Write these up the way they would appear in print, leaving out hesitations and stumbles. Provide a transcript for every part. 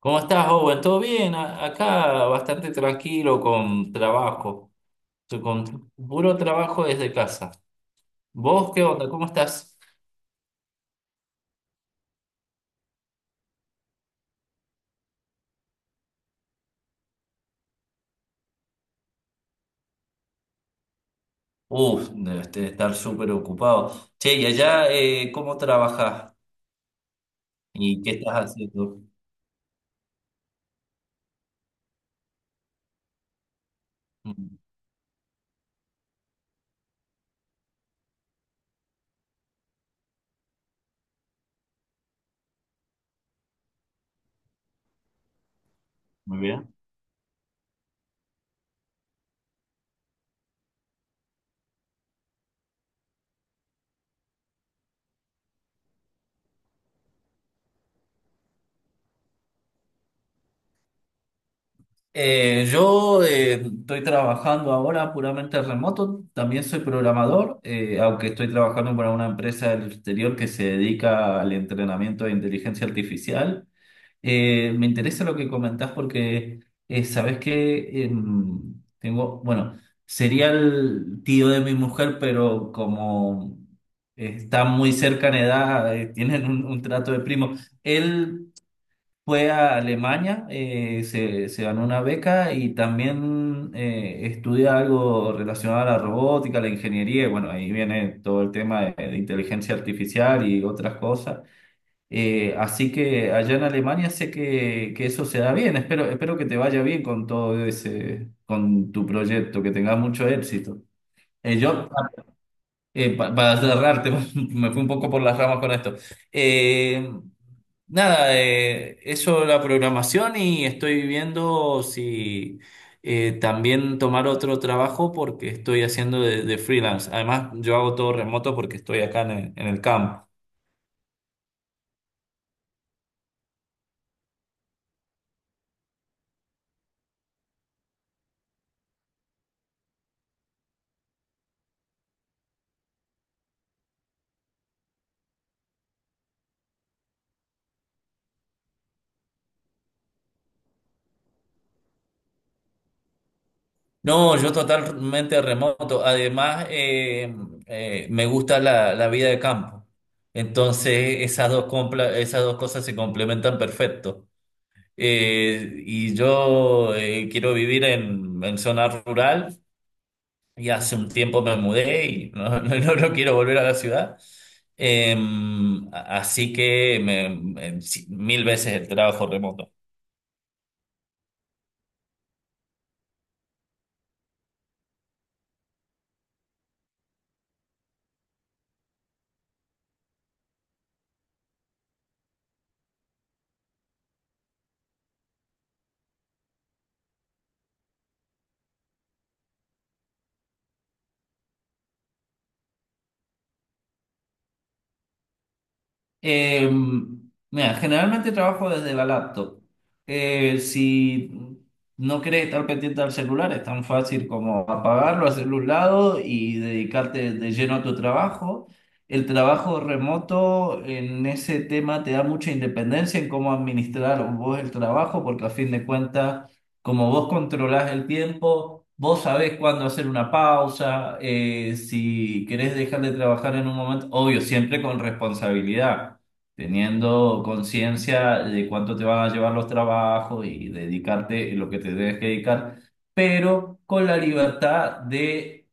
¿Cómo estás, Owen? ¿Todo bien? A- Acá bastante tranquilo con trabajo, con puro trabajo desde casa. ¿Vos qué onda? ¿Cómo estás? Uf, debes de estar súper ocupado. Che, y allá, ¿cómo trabajás? ¿Y qué estás haciendo? Mm. Muy bien. Yo estoy trabajando ahora puramente remoto, también soy programador, aunque estoy trabajando para una empresa del exterior que se dedica al entrenamiento de inteligencia artificial. Me interesa lo que comentás porque sabés que tengo, bueno, sería el tío de mi mujer, pero como está muy cerca en edad, tienen un trato de primo. Él fue a Alemania, se ganó una beca y también estudia algo relacionado a la robótica, la ingeniería, y bueno, ahí viene todo el tema de inteligencia artificial y otras cosas. Así que allá en Alemania sé que eso se da bien. Espero, espero que te vaya bien con todo ese, con tu proyecto, que tengas mucho éxito. Eh, yo, para cerrarte, me fui un poco por las ramas con esto. Eh, nada, eso la programación y estoy viendo si también tomar otro trabajo porque estoy haciendo de freelance. Además, yo hago todo remoto porque estoy acá en en el camp. No, yo totalmente remoto. Además, me gusta la vida de campo. Entonces, esas dos, esas dos cosas se complementan perfecto. Y yo Quiero vivir en zona rural y hace un tiempo me mudé y no, no, no quiero volver a la ciudad. Eh, así que me- me- Sí, mil veces el trabajo remoto. Eh, Mira, generalmente trabajo desde la laptop. Si no querés estar pendiente al celular, es tan fácil como apagarlo, hacerlo a un lado y dedicarte de lleno a tu trabajo. El trabajo remoto en ese tema te da mucha independencia en cómo administrar vos el trabajo, porque a fin de cuentas, como vos controlás el tiempo, vos sabés cuándo hacer una pausa, si querés dejar de trabajar en un momento, obvio, siempre con responsabilidad teniendo conciencia de cuánto te van a llevar los trabajos y dedicarte en lo que te debes que dedicar, pero con la libertad de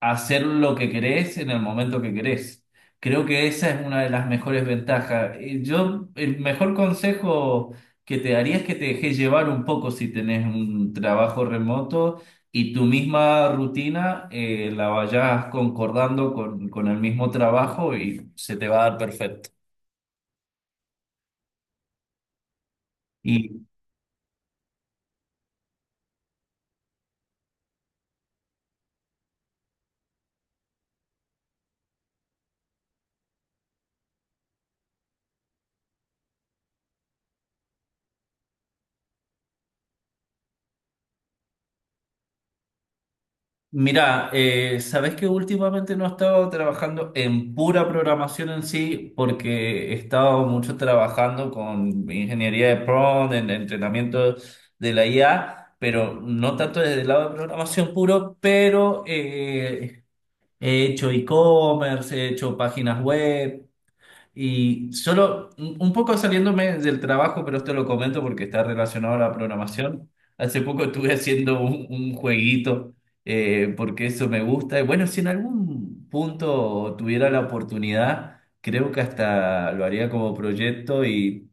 hacer lo que querés en el momento que querés. Creo que esa es una de las mejores ventajas. Y yo, el mejor consejo que te daría es que te dejes llevar un poco si tenés un trabajo remoto y tu misma rutina la vayas concordando con el mismo trabajo y se te va a dar perfecto. Mira, sabes que últimamente no he estado trabajando en pura programación en sí, porque he estado mucho trabajando con ingeniería de prompt, en entrenamiento de la IA, pero no tanto desde el lado de programación puro, pero he hecho e-commerce, he hecho páginas web. Y solo un poco saliéndome del trabajo, pero esto lo comento porque está relacionado a la programación. Hace poco estuve haciendo un jueguito porque eso me gusta. Y bueno, si en algún punto tuviera la oportunidad, creo que hasta lo haría como proyecto y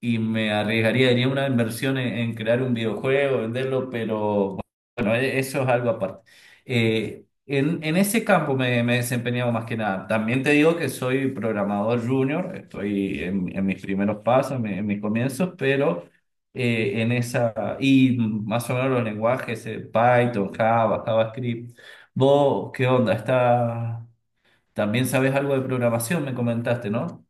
y me arriesgaría, haría una inversión en crear un videojuego, venderlo, pero bueno, eso es algo aparte. En ese campo me he desempeñado más que nada. También te digo que soy programador junior, estoy en mis primeros pasos, en mis comienzos, pero en esa, y más o menos los lenguajes, Python, Java, JavaScript. ¿Vos qué onda? Está, también sabes algo de programación, me comentaste, ¿no?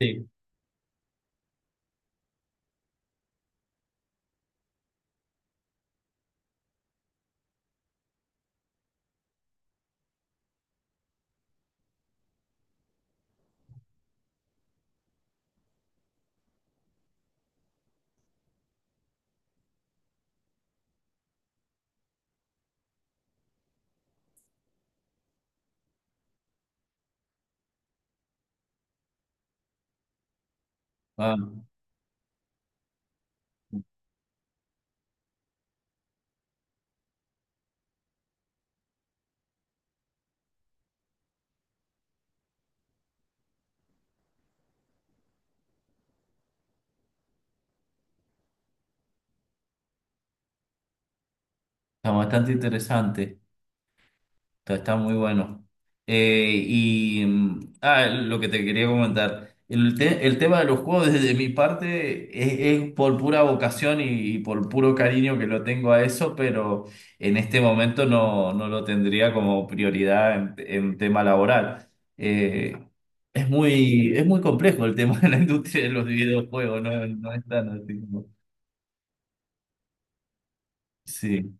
Sí. Ah, está bastante interesante. Está, está muy bueno. Lo que te quería comentar, el tema de los juegos desde mi parte es por pura vocación y por puro cariño que lo tengo a eso, pero en este momento no, no lo tendría como prioridad en tema laboral. Eh, es muy complejo el tema de la industria de los videojuegos, no, no es tan así como… Sí.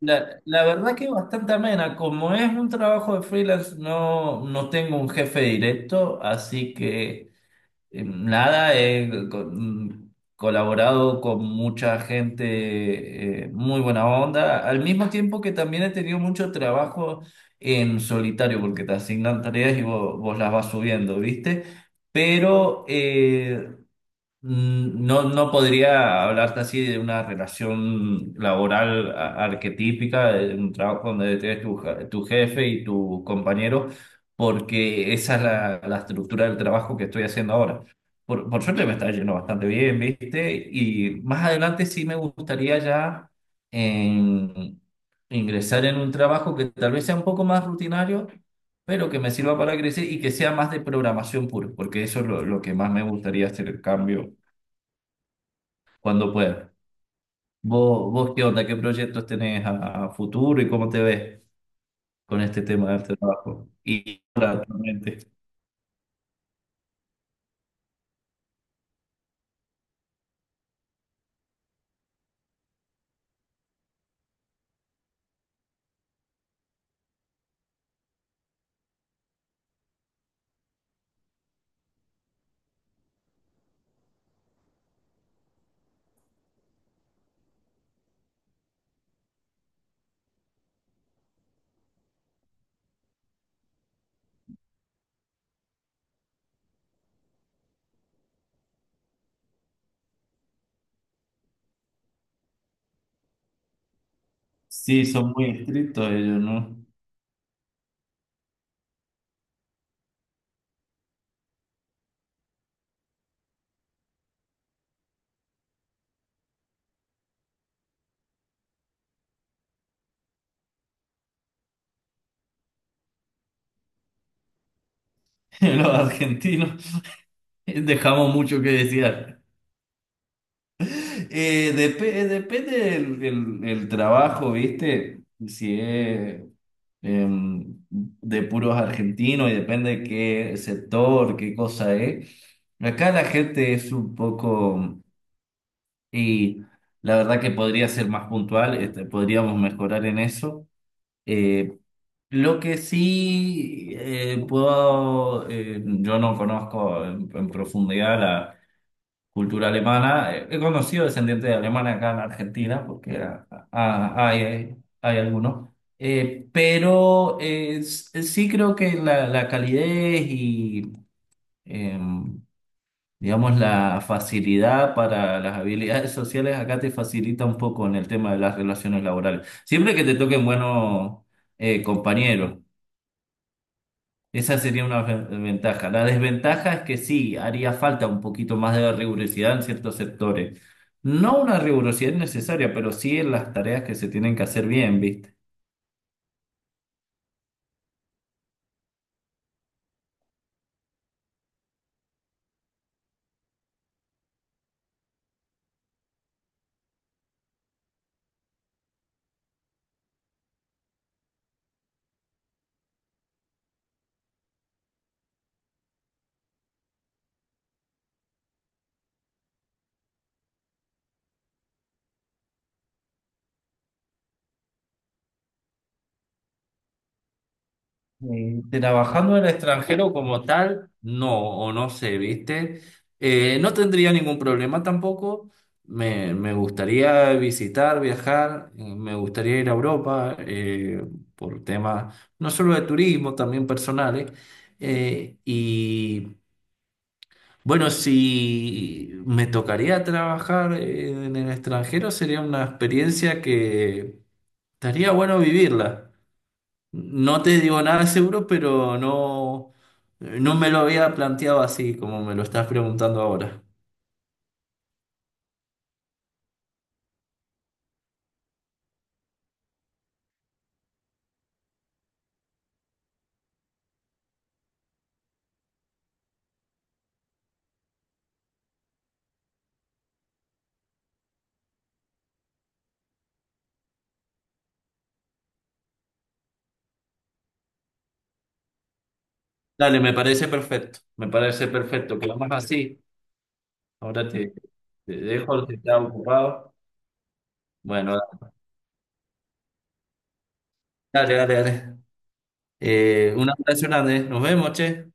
La verdad que es bastante amena. Como es un trabajo de freelance, no, no tengo un jefe directo, así que nada, he co- mm, colaborado con mucha gente muy buena onda, al mismo tiempo que también he tenido mucho trabajo en solitario, porque te asignan tareas y vos las vas subiendo, ¿viste? Pero eh, No, no podría hablarte así de una relación laboral arquetípica, de un trabajo donde tienes tu jefe y tu compañero, porque esa es la estructura del trabajo que estoy haciendo ahora. Por suerte me está yendo bastante bien, ¿viste? Y más adelante sí me gustaría ya en- ingresar en un trabajo que tal vez sea un poco más rutinario, pero que me sirva para crecer y que sea más de programación pura, porque eso es lo que más me gustaría hacer el cambio cuando puedas. ¿Vos qué onda? ¿Qué proyectos tenés a futuro y cómo te ves con este tema del trabajo? Y ahora, actualmente. Sí, son muy estrictos ellos, ¿no? Los argentinos dejamos mucho que desear. Depende del trabajo, ¿viste? Si es de puros argentinos y depende de qué sector, qué cosa es. Acá la gente es un poco. Y la verdad que podría ser más puntual, este, podríamos mejorar en eso. Eh, lo que sí puedo, yo no conozco en profundidad la cultura alemana. He conocido descendientes de alemanes acá en Argentina, porque hay algunos. Sí creo que la calidez y em, digamos, la facilidad para las habilidades sociales acá te facilita un poco en el tema de las relaciones laborales. Siempre que te toquen buenos compañeros, esa sería una ventaja. La desventaja es que sí, haría falta un poquito más de rigurosidad en ciertos sectores. No una rigurosidad necesaria, pero sí en las tareas que se tienen que hacer bien, ¿viste? Trabajando en el extranjero como tal, no, o no sé, ¿viste? No tendría ningún problema tampoco. Me gustaría visitar, viajar, me gustaría ir a Europa por temas no solo de turismo, también personales. Eh, y bueno, si me tocaría trabajar en el extranjero, sería una experiencia que estaría bueno vivirla. No te digo nada seguro, pero no, no me lo había planteado así como me lo estás preguntando ahora. Dale, me parece perfecto, me parece perfecto. Quedamos así. Ahora te, te dejo, si estás ocupado. Bueno, dale, dale, dale. Un abrazo grande. Nos vemos, che.